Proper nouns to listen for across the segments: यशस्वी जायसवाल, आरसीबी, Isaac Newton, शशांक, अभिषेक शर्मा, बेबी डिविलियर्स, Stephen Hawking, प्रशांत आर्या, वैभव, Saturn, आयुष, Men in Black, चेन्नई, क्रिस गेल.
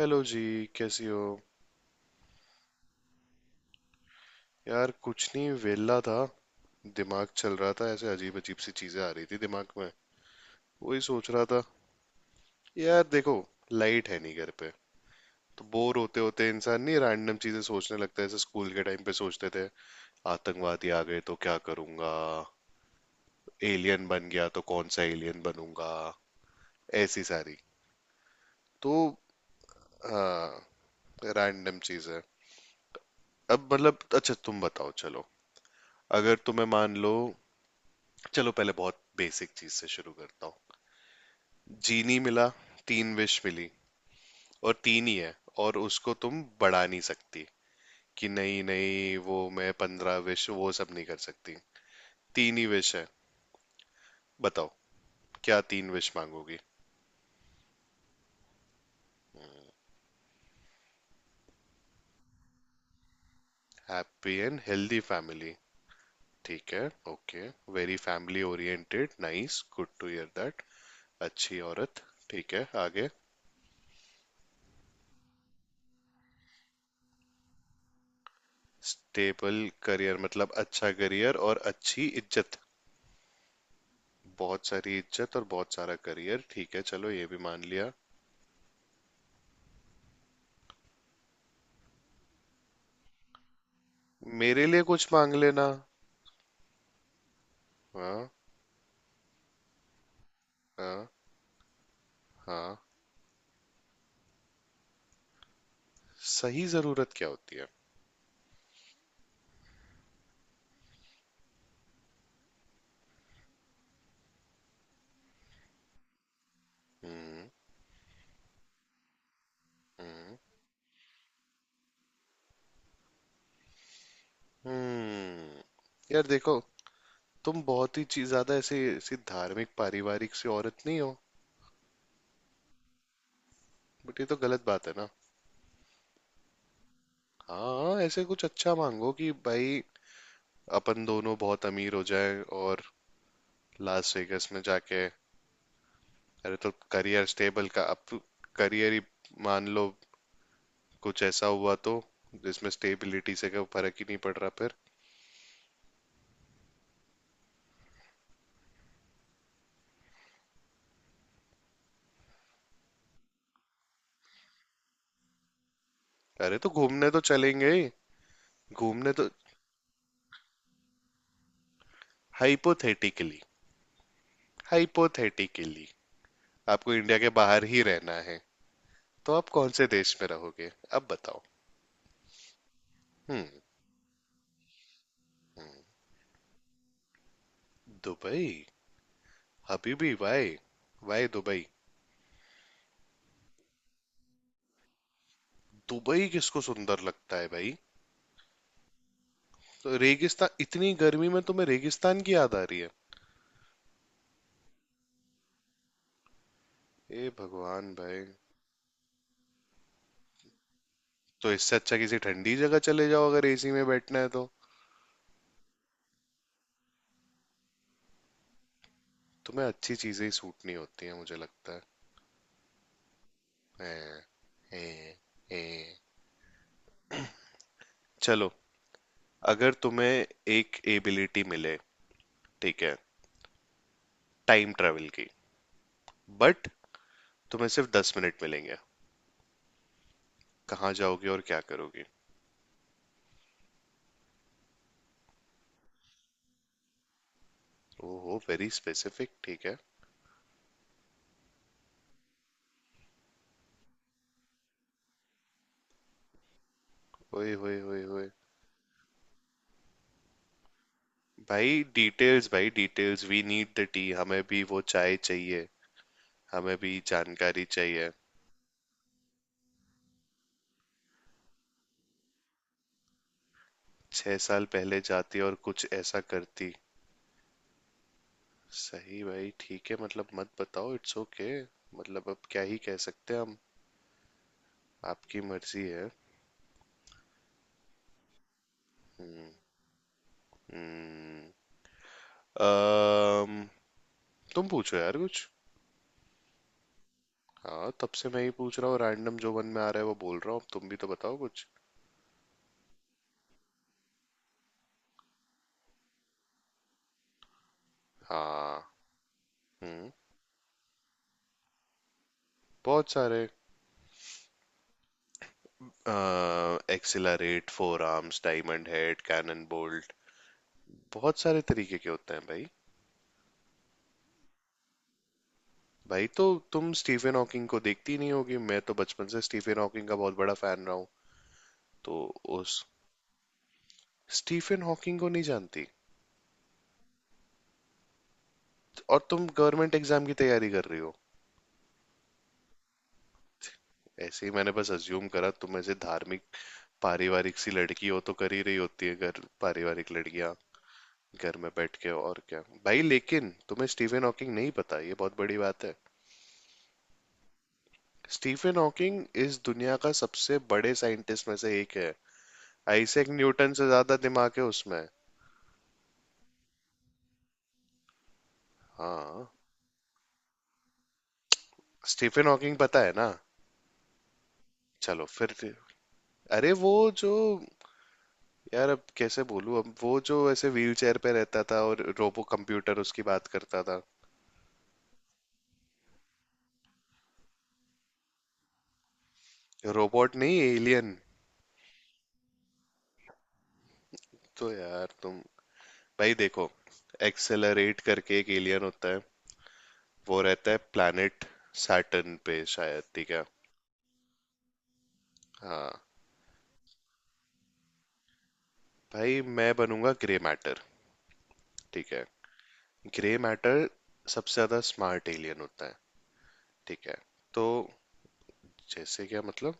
Hello जी। कैसी हो? यार कुछ नहीं, वेला था। दिमाग चल रहा था, ऐसे अजीब अजीब सी चीजें आ रही थी दिमाग में। वही सोच रहा था। यार देखो, लाइट है नहीं घर पे, तो बोर होते होते इंसान नहीं रैंडम चीजें सोचने लगता है, जैसे स्कूल के टाइम पे सोचते थे। आतंकवादी आ गए तो क्या करूंगा, एलियन बन गया तो कौन सा एलियन बनूंगा, ऐसी सारी। तो हाँ, रैंडम चीज है। अब मतलब अच्छा तुम बताओ, चलो। अगर तुम्हें मान लो, चलो पहले बहुत बेसिक चीज से शुरू करता हूँ। जीनी मिला, तीन विश मिली, और तीन ही है, और उसको तुम बढ़ा नहीं सकती कि नहीं नहीं वो मैं 15 विश वो सब नहीं कर सकती। तीन ही विश है। बताओ, क्या तीन विश मांगोगी? Happy and healthy family. ठीक है, okay. Very family oriented, nice, good to hear that. अच्छी औरत। ठीक है, आगे। स्टेबल करियर मतलब अच्छा करियर और अच्छी इज्जत। बहुत सारी इज्जत और बहुत सारा करियर, ठीक है, चलो ये भी मान लिया। मेरे लिए कुछ मांग लेना। हाँ। हाँ। हाँ। सही जरूरत क्या होती है? हम्म। हम्म। हम्म। यार देखो, तुम बहुत ही चीज ज्यादा ऐसे ऐसी धार्मिक पारिवारिक सी औरत नहीं हो। बट ये तो गलत बात है ना। हाँ ऐसे कुछ अच्छा मांगो कि भाई, अपन दोनों बहुत अमीर हो जाए और लास वेगास में जाके। अरे तो करियर स्टेबल का अब, करियर ही, मान लो कुछ ऐसा हुआ तो, जिसमें स्टेबिलिटी से कोई फर्क ही नहीं पड़ रहा फिर। अरे तो घूमने तो चलेंगे ही। घूमने तो। हाइपोथेटिकली, हाइपोथेटिकली, आपको इंडिया के बाहर ही रहना है, तो आप कौन से देश में रहोगे, अब बताओ। हम्म। दुबई? हबीबी वाई, वाई दुबई? दुबई किसको सुंदर लगता है भाई? तो रेगिस्तान, इतनी गर्मी में तुम्हें रेगिस्तान की याद आ रही है? ए भगवान भाई। तो इससे अच्छा किसी ठंडी जगह चले जाओ, अगर एसी में बैठना है तो। तुम्हें अच्छी चीजें ही सूट नहीं होती है मुझे लगता है। हैं, हैं, हैं। चलो, अगर तुम्हें एक एबिलिटी मिले, ठीक है, टाइम ट्रेवल की, बट तुम्हें सिर्फ 10 मिनट मिलेंगे, कहाँ जाओगे और क्या करोगे? ओहो, वेरी स्पेसिफिक, ठीक है। ओए होए होए होए। भाई डिटेल्स, भाई details, we need the tea, हमें भी वो चाय चाहिए, हमें भी जानकारी चाहिए। 6 साल पहले जाती और कुछ ऐसा करती। सही भाई, ठीक है, मतलब मत बताओ, इट्स ओके। मतलब अब क्या ही कह सकते हैं हम। आपकी मर्जी है। हम्म, अम, तुम पूछो यार कुछ। हाँ तब से मैं ही पूछ रहा हूँ, रैंडम जो मन में आ रहा है वो बोल रहा हूँ, अब तुम भी तो बताओ कुछ। हाँ। हम्म, बहुत सारे। Accelerate, Four Arms, Diamondhead, Cannonbolt. बहुत सारे तरीके के होते हैं भाई। भाई तो, तुम स्टीफन हॉकिंग को देखती नहीं होगी, मैं तो बचपन से स्टीफन हॉकिंग का बहुत बड़ा फैन रहा हूँ। तो उस, स्टीफन हॉकिंग को नहीं जानती? और तुम गवर्नमेंट एग्जाम की तैयारी कर रही हो? ऐसे ही मैंने बस अज्यूम करा, तुम ऐसे धार्मिक पारिवारिक सी लड़की हो तो कर ही रही होती है घर, पारिवारिक लड़कियां घर में बैठ के और क्या। भाई लेकिन तुम्हें स्टीफन हॉकिंग नहीं पता, ये बहुत बड़ी बात है। स्टीफन हॉकिंग इस दुनिया का सबसे बड़े साइंटिस्ट में से एक है, आइजैक न्यूटन से ज्यादा दिमाग है उसमें। हाँ, स्टीफन हॉकिंग पता है ना? चलो फिर। अरे वो जो, यार अब कैसे बोलूं, अब वो जो ऐसे व्हील चेयर पे रहता था और रोबो कंप्यूटर उसकी बात करता था। रोबोट नहीं, एलियन। तो यार तुम, भाई देखो, एक्सेलरेट करके एक एलियन होता है, वो रहता है प्लैनेट सैटर्न पे शायद, ठीक है। हाँ भाई, मैं बनूंगा ग्रे मैटर, ठीक है। ग्रे मैटर सबसे ज्यादा स्मार्ट एलियन होता है, ठीक है। तो जैसे क्या मतलब?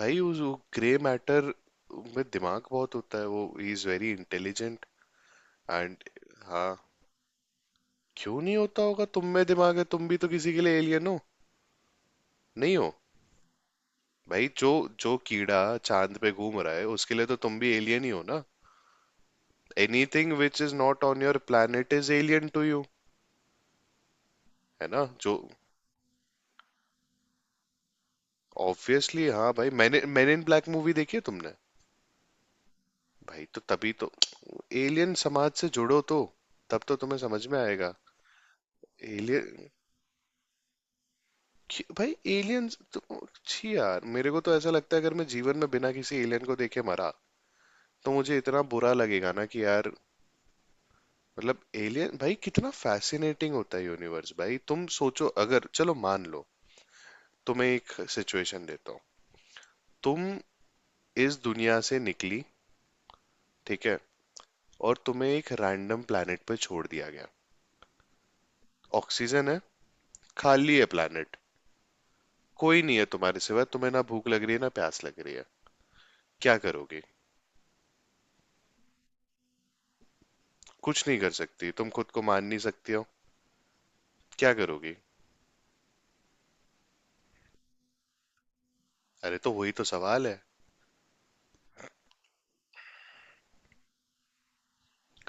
भाई उस ग्रे मैटर में दिमाग बहुत होता है, वो ही इज वेरी इंटेलिजेंट एंड। हाँ क्यों नहीं होता होगा, तुम में दिमाग है, तुम भी तो किसी के लिए एलियन हो, नहीं हो? भाई जो जो कीड़ा चांद पे घूम रहा है उसके लिए तो तुम भी एलियन ही हो ना। Anything which is not on your planet is alien to you. है ना जो, ऑब्वियसली हाँ भाई, मैंने मैन इन ब्लैक मूवी देखी है, तुमने? भाई तो तभी तो एलियन समाज से जुड़ो तो, तब तो तुम्हें समझ में आएगा। एलियन भाई, एलियंस तो, छी यार, मेरे को तो ऐसा लगता है अगर मैं जीवन में बिना किसी एलियन को देखे मरा तो मुझे इतना बुरा लगेगा ना कि यार। मतलब एलियन भाई कितना फैसिनेटिंग होता है यूनिवर्स भाई, तुम सोचो, अगर चलो मान लो, तुम्हें एक सिचुएशन देता हूँ, तुम इस दुनिया से निकली, ठीक है, और तुम्हें एक रैंडम प्लेनेट पे छोड़ दिया गया, ऑक्सीजन है, खाली है प्लेनेट, कोई नहीं है तुम्हारे सिवा, तुम्हें ना भूख लग रही है ना प्यास लग रही है, क्या करोगे? कुछ नहीं कर सकती, तुम खुद को मान नहीं सकती हो, क्या करोगी? अरे तो वही तो सवाल है।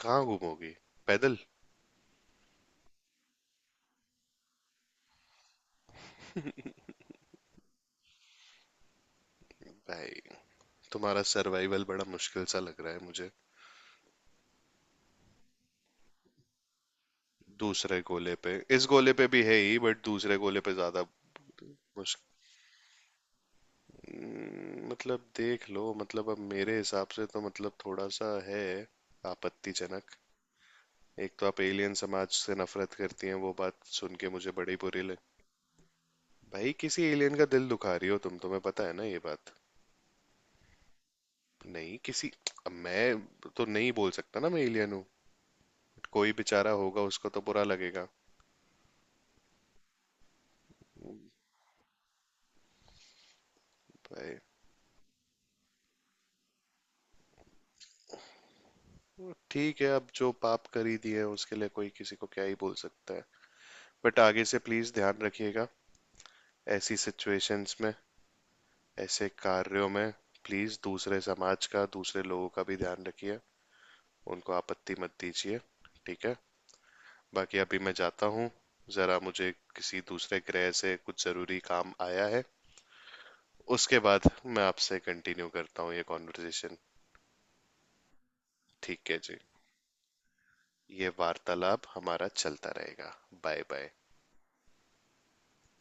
कहाँ घूमोगी, पैदल? भाई तुम्हारा सर्वाइवल बड़ा मुश्किल सा लग रहा है मुझे। दूसरे गोले पे, इस गोले पे भी है ही, बट दूसरे गोले पे ज्यादा। मुश्क। मतलब देख लो, मतलब अब मेरे हिसाब से तो मतलब थोड़ा सा है आपत्तिजनक। एक तो आप एलियन समाज से नफरत करती हैं, वो बात सुन के मुझे बड़ी बुरी लग। भाई किसी एलियन का दिल दुखा रही हो तुम, तुम्हें पता है ना ये बात? नहीं किसी, अब मैं तो नहीं बोल सकता ना मैं एलियन हूँ, कोई बेचारा होगा उसको तो बुरा लगेगा भाई। वो ठीक है, अब जो पाप करी दिए उसके लिए कोई किसी को क्या ही बोल सकता है, बट आगे से प्लीज ध्यान रखिएगा, ऐसी सिचुएशंस में, ऐसे कार्यों में, प्लीज दूसरे समाज का, दूसरे लोगों का भी ध्यान रखिए, उनको आपत्ति मत दीजिए, ठीक है? बाकी अभी मैं जाता हूँ, जरा मुझे किसी दूसरे ग्रह से कुछ जरूरी काम आया है, उसके बाद मैं आपसे कंटिन्यू करता हूँ ये कॉन्वर्सेशन। ठीक है जी, ये वार्तालाप हमारा चलता रहेगा। Bye bye.